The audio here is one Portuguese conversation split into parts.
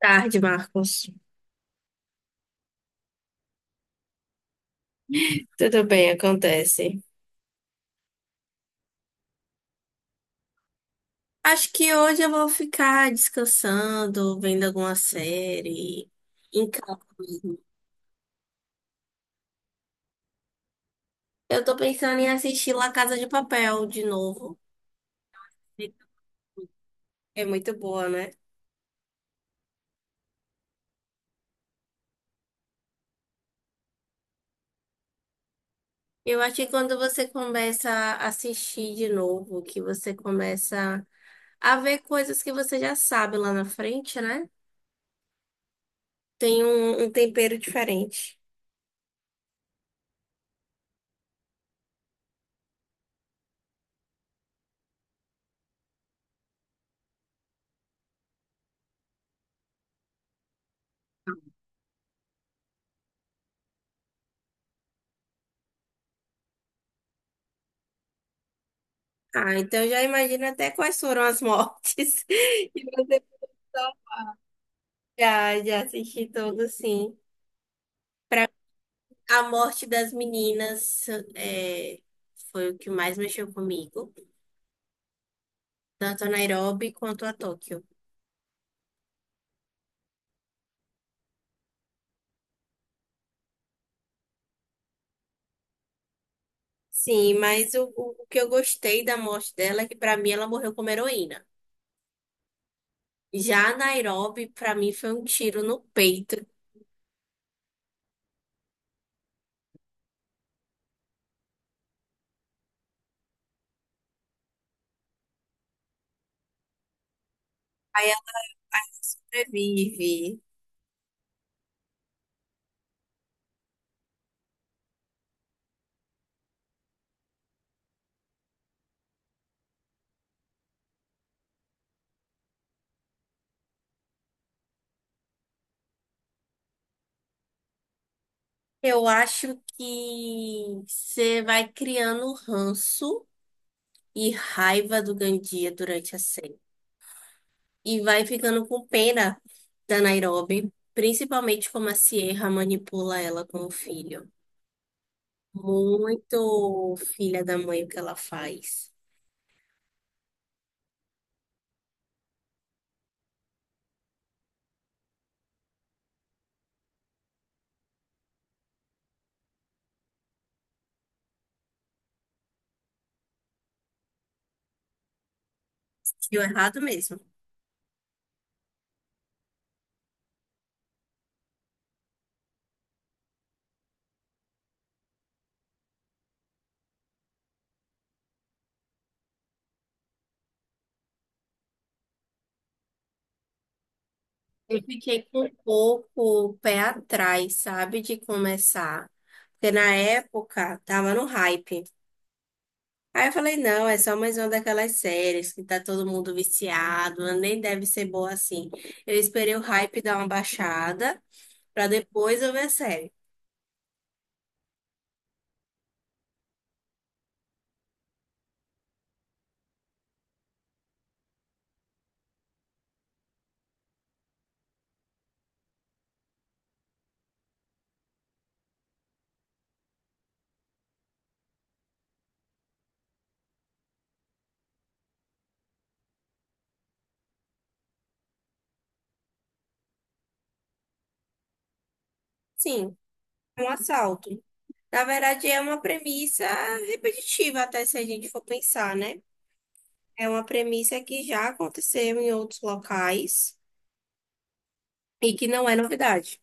Tarde, Marcos. Tudo bem, acontece. Acho que hoje eu vou ficar descansando, vendo alguma série, em casa mesmo. Eu tô pensando em assistir La Casa de Papel de novo. É muito boa, né? Eu acho que quando você começa a assistir de novo, que você começa a ver coisas que você já sabe lá na frente, né? Tem um tempero diferente. Ah, então já imagino até quais foram as mortes. que você. Já, já assisti todo, sim. A morte das meninas é, foi o que mais mexeu comigo, tanto a Nairobi quanto a Tóquio. Sim, mas o que eu gostei da morte dela é que, pra mim, ela morreu como heroína. Já a Nairobi, pra mim, foi um tiro no peito. Aí ela sobrevive. Eu acho que você vai criando ranço e raiva do Gandia durante a série, e vai ficando com pena da Nairobi, principalmente como a Sierra manipula ela com o filho. Muito filha da mãe o que ela faz. Deu errado mesmo. Eu fiquei com um pouco o pé atrás, sabe, de começar. Porque na época tava no hype. Aí eu falei, não, é só mais uma daquelas séries que tá todo mundo viciado, ela nem deve ser boa assim. Eu esperei o hype dar uma baixada pra depois eu ver a série. Sim, um assalto. Na verdade, é uma premissa repetitiva, até se a gente for pensar, né? É uma premissa que já aconteceu em outros locais e que não é novidade.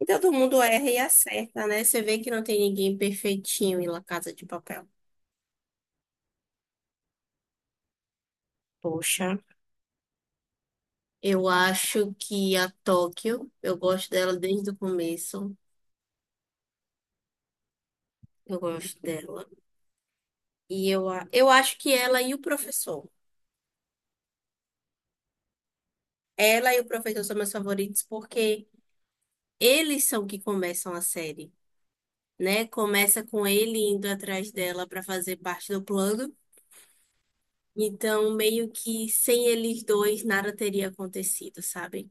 E todo mundo erra e acerta, né? Você vê que não tem ninguém perfeitinho em La Casa de Papel. Poxa, eu acho que a Tóquio, eu gosto dela desde o começo. Eu gosto dela. E eu acho que ela e o professor. Ela e o professor são meus favoritos porque eles são que começam a série, né? Começa com ele indo atrás dela para fazer parte do plano. Então, meio que sem eles dois, nada teria acontecido, sabe?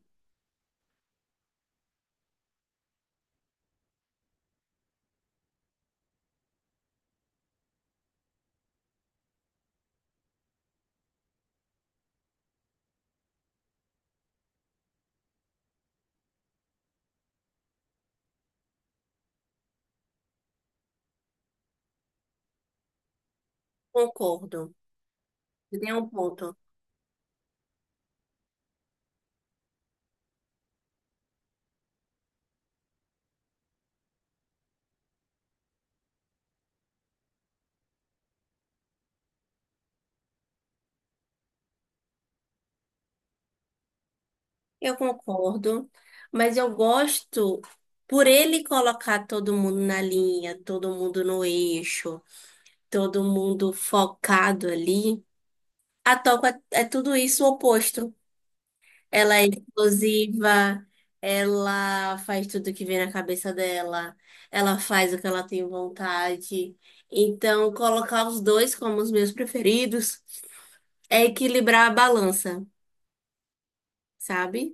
Concordo. Tem um ponto. Eu concordo, mas eu gosto por ele colocar todo mundo na linha, todo mundo no eixo, todo mundo focado ali. A toca é, é tudo isso o oposto. Ela é explosiva, ela faz tudo que vem na cabeça dela, ela faz o que ela tem vontade. Então, colocar os dois como os meus preferidos é equilibrar a balança, sabe?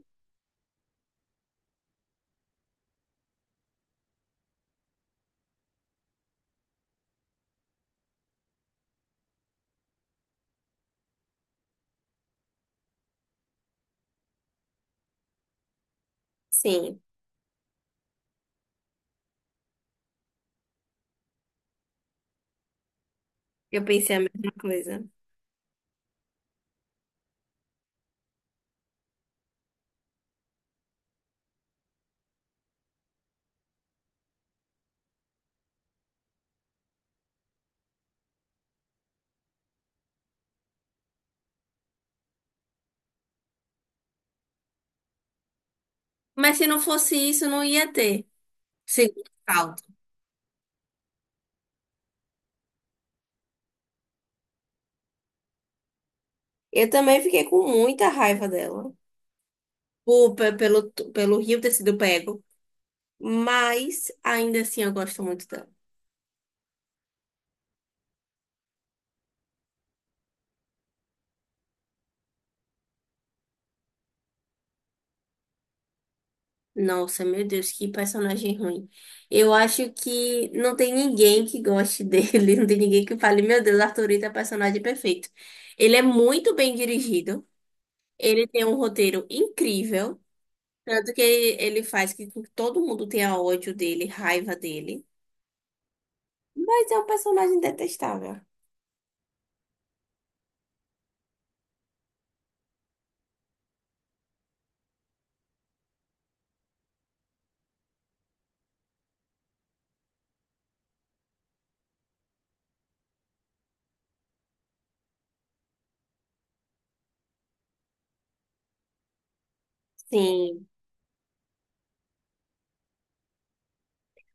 Sim, eu pensei a mesma coisa. Mas se não fosse isso, não ia ter segundo salto. Eu também fiquei com muita raiva dela, pelo Rio ter sido pego, mas ainda assim eu gosto muito dela. Nossa, meu Deus, que personagem ruim. Eu acho que não tem ninguém que goste dele, não tem ninguém que fale, meu Deus, Arthurito é o personagem perfeito. Ele é muito bem dirigido, ele tem um roteiro incrível, tanto que ele faz que todo mundo tenha ódio dele, raiva dele, mas é um personagem detestável. Sim,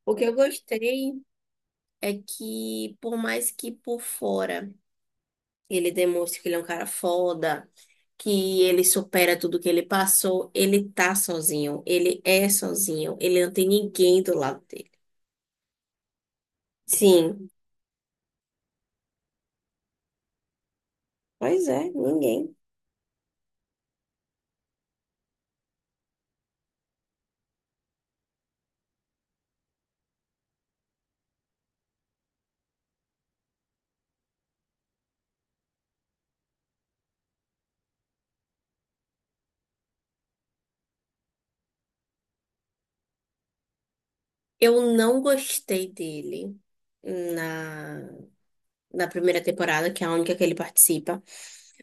o que eu gostei é que, por mais que por fora ele demonstre que ele é um cara foda, que ele supera tudo que ele passou, ele tá sozinho, ele é sozinho, ele não tem ninguém do lado dele. Sim, pois é, ninguém. Eu não gostei dele na, na primeira temporada, que é a única que ele participa,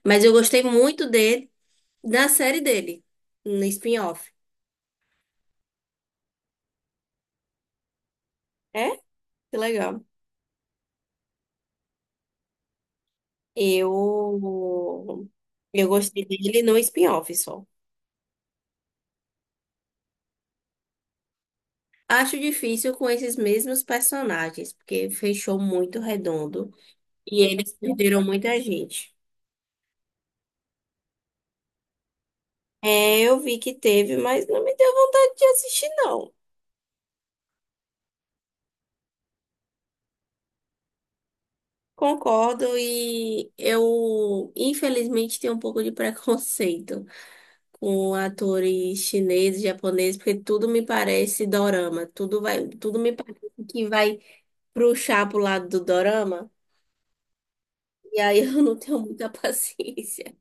mas eu gostei muito dele na série dele, no spin-off. É? Que legal. Eu, eu gostei dele no spin-off só. Acho difícil com esses mesmos personagens, porque fechou muito redondo. E eles perderam muita gente. É, eu vi que teve, mas não me deu vontade de assistir, não. Concordo, e eu, infelizmente, tenho um pouco de preconceito com atores chineses, japoneses, porque tudo me parece dorama. Tudo vai, tudo me parece que vai puxar pro lado do dorama. E aí eu não tenho muita paciência.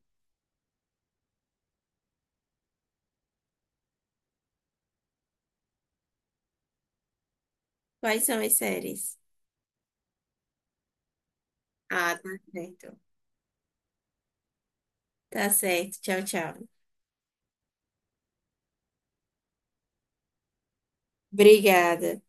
Quais são as séries? Ah, tá certo. Tá certo. Tchau, tchau. Obrigada.